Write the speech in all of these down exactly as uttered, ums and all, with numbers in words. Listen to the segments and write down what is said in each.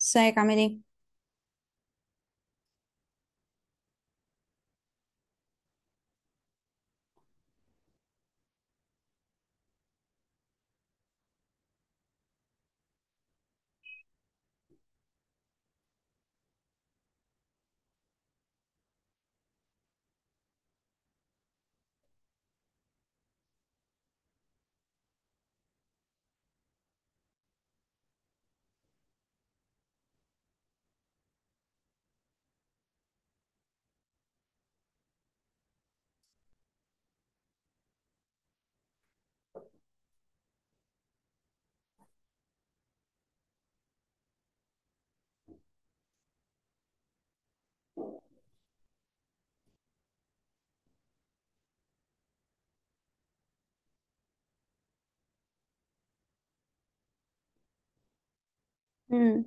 ازيك عامل ايه؟ مم.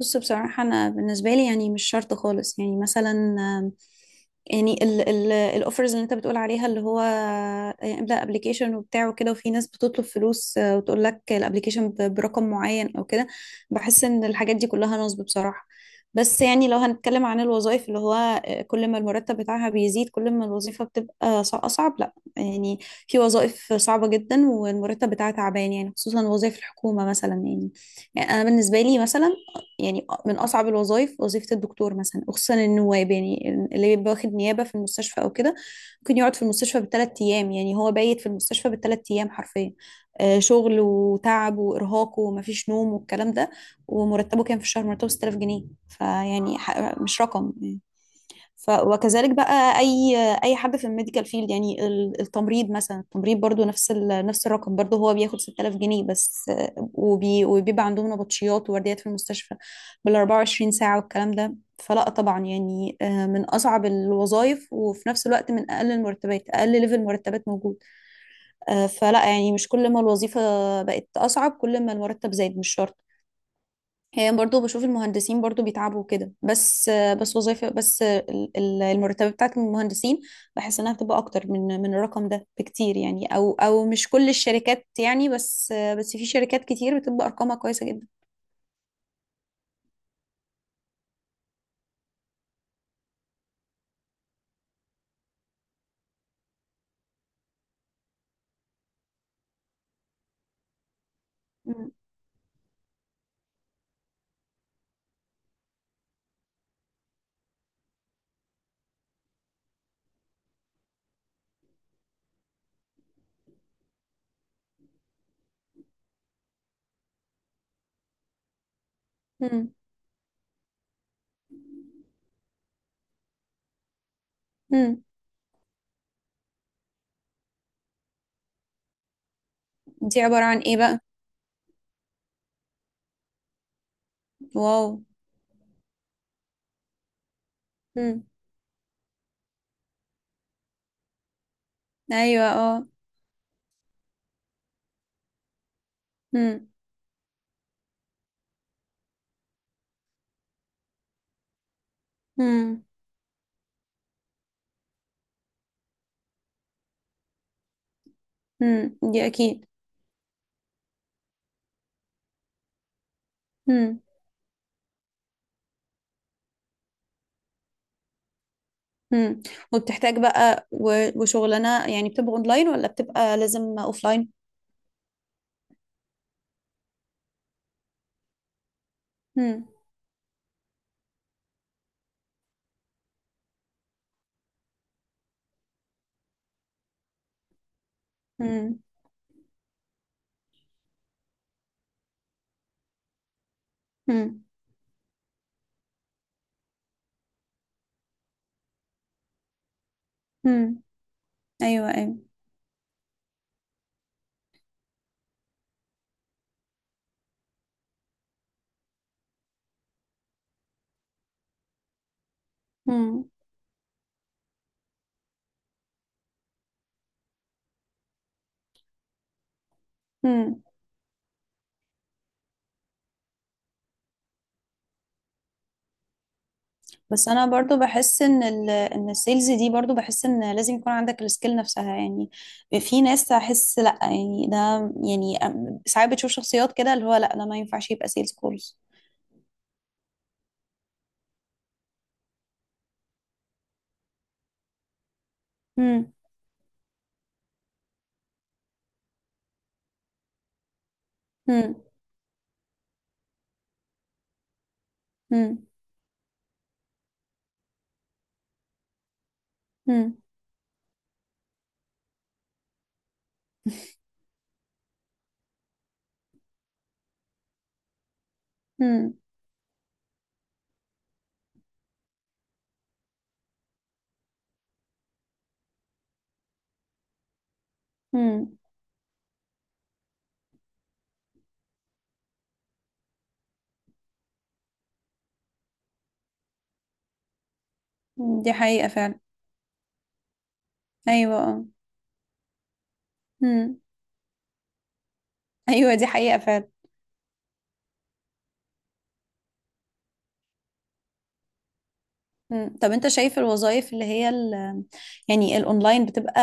بص بصراحة، أنا بالنسبة لي يعني مش شرط خالص. يعني مثلا آم، يعني الأوفرز اللي أنت بتقول عليها، اللي هو آه، املأ أبليكيشن وبتاع وكده، وفي ناس بتطلب فلوس، آه، وتقول لك الأبليكيشن برقم معين أو كده. بحس إن الحاجات دي كلها نصب بصراحة. بس يعني لو هنتكلم عن الوظائف، اللي هو آه، كل ما المرتب بتاعها بيزيد كل ما الوظيفة بتبقى ص- أصعب، لا يعني، في وظائف صعبة جدا والمرتب بتاعها تعبان، يعني خصوصا وظائف الحكومة مثلا. يعني يعني انا بالنسبه لي مثلا، يعني من أصعب الوظائف وظيفة الدكتور مثلا، وخصوصا النواب، يعني اللي بيبقى واخد نيابة في المستشفى أو كده. ممكن يقعد في المستشفى بالثلاث أيام، يعني هو بايت في المستشفى بالثلاث أيام حرفيا. آه، شغل وتعب وإرهاق ومفيش نوم والكلام ده. ومرتبه كان في الشهر، مرتبه ستة آلاف جنيه، فيعني ح- مش رقم. ف وكذلك بقى اي اي حد في الميديكال فيلد، يعني ال- التمريض مثلا، التمريض برضو نفس ال... نفس الرقم، برضو هو بياخد ستة آلاف جنيه بس. آه، وبي... وبيبقى عندهم نبطشيات وورديات في المستشفى بال 24 ساعة والكلام ده. فلا طبعا يعني، آه، من اصعب الوظائف وفي نفس الوقت من اقل المرتبات، اقل ليفل مرتبات موجود. آه، فلا يعني مش كل ما الوظيفة بقت اصعب كل ما المرتب زاد، مش شرط. هي برضو بشوف المهندسين برضو بيتعبوا كده، بس بس وظيفة، بس ال- ال- المرتبة بتاعت المهندسين بحس انها بتبقى اكتر من من الرقم ده بكتير، يعني او او مش كل الشركات يعني، بس بس في شركات كتير بتبقى ارقامها كويسة جدا. مم. مم. مم. دي عبارة عن ايه بقى؟ واو. مم. ايوه اه. مم. مم. مم. دي اكيد. مم. مم. وبتحتاج بقى، و- وشغلانة يعني بتبقى اونلاين ولا بتبقى لازم اوفلاين؟ مم. مم. مم. مم. ايوه ايوه. امم. امم. بس انا برضو بحس ان ال، ان السيلز دي، برضو بحس ان لازم يكون عندك السكيل نفسها يعني. في ناس احس لا يعني، ده يعني أم- ساعات بتشوف شخصيات كده اللي هو لا، ده ما ينفعش يبقى سيلز خالص. امم. امم. امم. امم. امم. امم دي حقيقة فعلا. ايوه. امم. ايوه دي حقيقة فعلا. مم. طب انت شايف الوظائف اللي هي ال، يعني الاونلاين بتبقى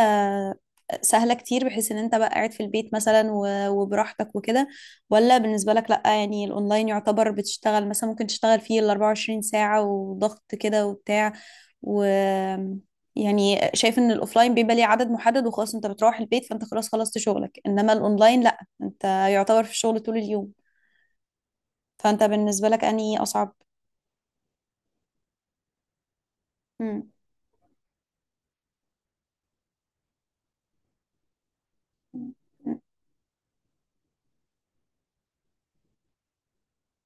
سهلة كتير بحيث ان انت بقى قاعد في البيت مثلا و- وبراحتك وكده؟ ولا بالنسبة لك لا يعني الاونلاين يعتبر بتشتغل، مثلا ممكن تشتغل فيه ال 24 ساعة وضغط كده وبتاع؟ و يعني شايف ان الاوفلاين بيبقى ليه عدد محدد وخلاص، انت بتروح البيت فانت خلاص خلصت شغلك، انما الاونلاين لا، انت يعتبر في الشغل طول اليوم. فانت بالنسبة لك انهي اصعب؟ مم.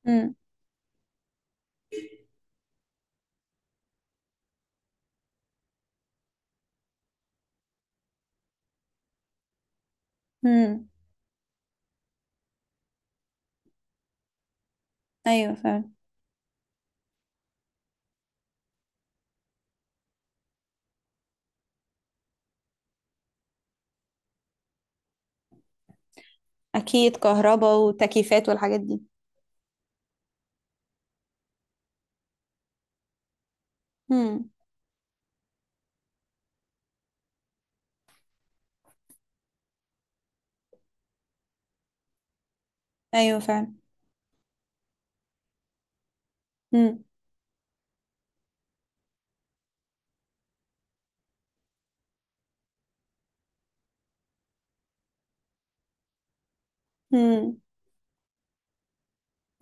مم. مم. ايوه فعلا. اكيد، كهرباء وتكييفات والحاجات دي. امم. ايوه فعلا. امم. امم.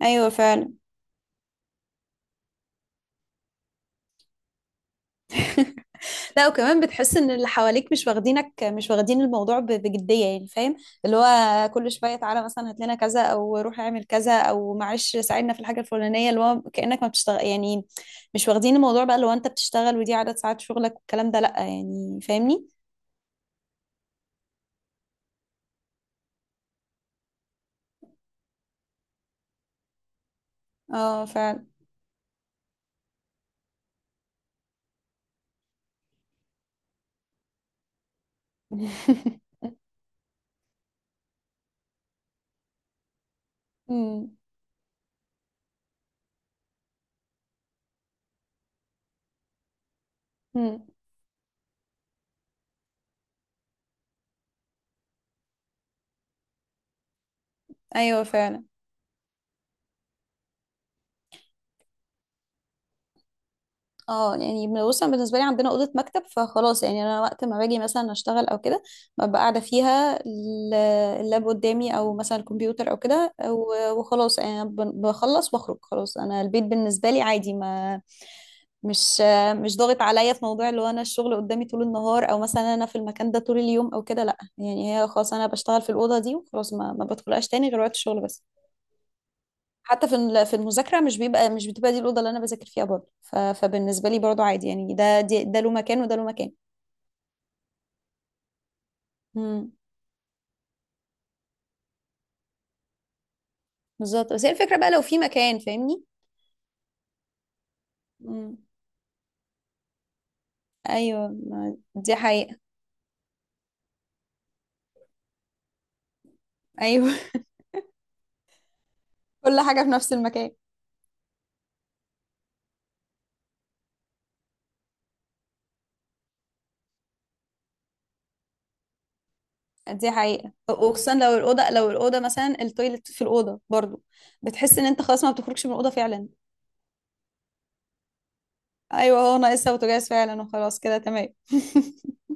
ايوه فعلا. لا، وكمان بتحس ان اللي حواليك مش واخدينك، مش واخدين الموضوع ب- بجديه، يعني فاهم، اللي هو كل شويه تعالى مثلا هات لنا كذا، او روح اعمل كذا، او معلش ساعدنا في الحاجه الفلانيه، اللي هو كانك ما بتشتغل يعني. مش واخدين الموضوع بقى اللي هو انت بتشتغل، ودي عدد ساعات شغلك والكلام ده، لا يعني، فاهمني؟ اه فعلا. امم. امم. ايوه فعلا. اه يعني من- بص انا بالنسبه لي عندنا اوضه مكتب، فخلاص يعني انا وقت ما باجي مثلا اشتغل او كده، ببقى قاعده فيها ال- اللاب قدامي، او مثلا الكمبيوتر او كده، و- وخلاص يعني انا ب- بخلص واخرج. خلاص انا البيت بالنسبه لي عادي، ما مش مش ضاغط عليا في موضوع اللي هو انا الشغل قدامي طول النهار، او مثلا انا في المكان ده طول اليوم او كده. لا يعني هي خلاص، انا بشتغل في الاوضه دي وخلاص، ما, ما بدخلهاش تاني غير وقت الشغل بس. حتى في ال- في المذاكره مش بيبقى مش بتبقى دي الاوضه اللي انا بذاكر فيها برضه، ف- فبالنسبه لي برضه عادي يعني، ده دي- ده له مكان وده له مكان. امم. بالظبط، بس هي الفكره بقى لو في مكان، فاهمني. امم. ايوه ما- دي حقيقه. ايوه. كل حاجه في نفس المكان. دي حقيقه، وخصوصا لو الاوضه، لو الاوضه مثلا التويلت في الاوضه برضه، بتحس ان انت خلاص ما بتخرجش من الاوضه فعلا. ايوه، هو ناقصها بوتاجاز فعلا وخلاص كده تمام.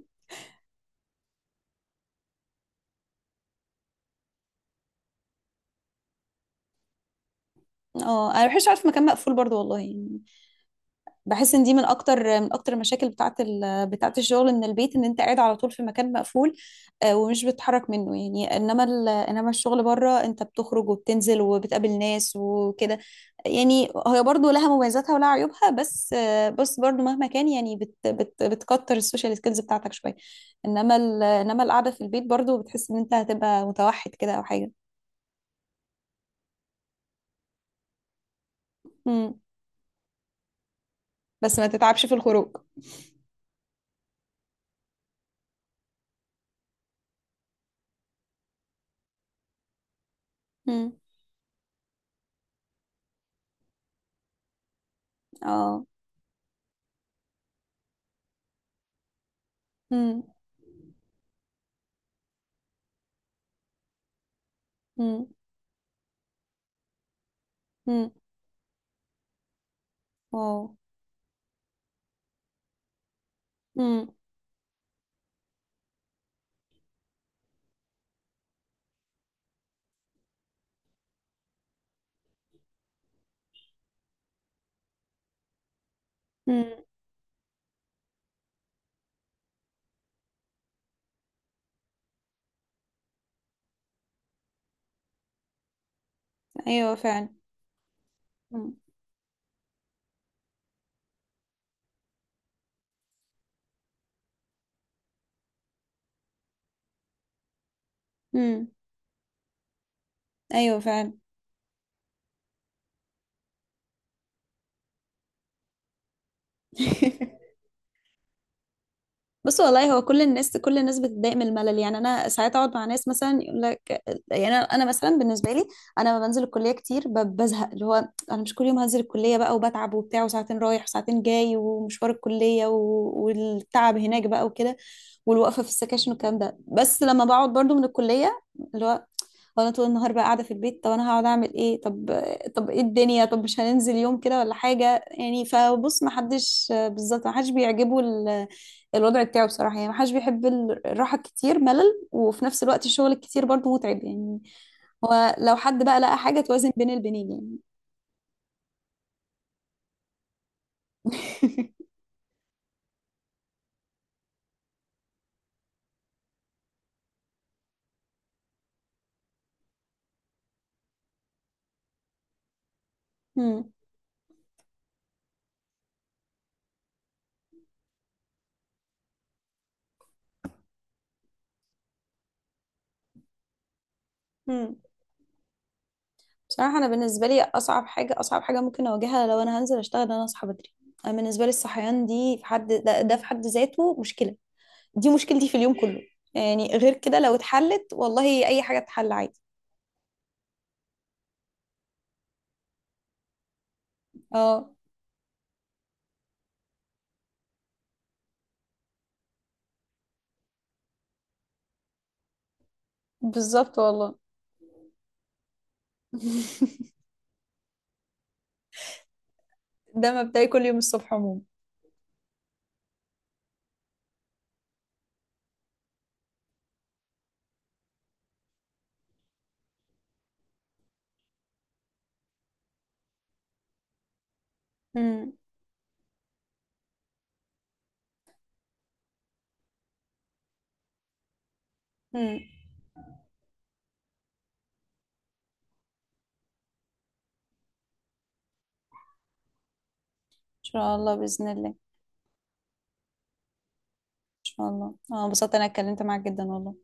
اه، انا ما بحبش اقعد في مكان مقفول برضه، والله يعني. بحس ان دي من اكتر، من اكتر المشاكل بتاعت ال... بتاعت الشغل من البيت، ان انت قاعد على طول في مكان مقفول، آه، ومش بتتحرك منه يعني. انما ال... انما الشغل بره، انت بتخرج وبتنزل وبتقابل ناس وكده، يعني هي برضو لها مميزاتها ولها عيوبها. بس آه، بس برضو مهما كان يعني، بت... بت... بتكتر السوشيال سكيلز بتاعتك شويه، انما ال... انما القعده في البيت برضو بتحس ان انت هتبقى متوحد كده او حاجه. مم. بس ما تتعبش في الخروج. مم. اه. مم. مم. مم. واو. مم. ايوه فعلا. مم. مم. ايوه فعلا. بص والله هو كل الناس كل الناس بتتضايق من الملل، يعني انا ساعات اقعد مع ناس مثلا يقول لك، يعني انا أنا مثلا بالنسبه لي، انا لما بنزل الكليه كتير ب- بزهق، اللي هو انا مش كل يوم هنزل الكليه بقى وبتعب وبتاع وساعتين رايح وساعتين جاي ومشوار الكليه و... والتعب هناك بقى وكده والوقفه في السكاشن والكلام ده. بس لما بقعد برضو من الكليه، اللي هو وانا طول النهار بقى قاعده في البيت، طب انا هقعد اعمل ايه؟ طب طب ايه الدنيا، طب مش هننزل يوم كده ولا حاجه يعني؟ فبص، ما حدش بالظبط، ما حدش بيعجبه ال- الوضع بتاعه بصراحه، يعني ما حدش بيحب ال- الراحه الكتير ملل، وفي نفس الوقت الشغل الكتير برضو متعب يعني. هو لو حد بقى لقى حاجه توازن بين البنين يعني. مم. مم. بصراحه انا بالنسبه لي اصعب حاجه اصعب حاجه ممكن اواجهها لو انا هنزل اشتغل، ان انا اصحى بدري. انا بالنسبه لي الصحيان دي في حد ده, ده في حد ذاته مشكله. دي مشكلتي في اليوم كله، يعني غير كده لو اتحلت والله اي حاجه تتحل عادي. اه بالظبط والله. ده مبدئي كل يوم الصبح عموما. امم. امم. ان شاء الله باذن الله. ان شاء الله اه، انبسطت انا اتكلمت معاك جدا والله.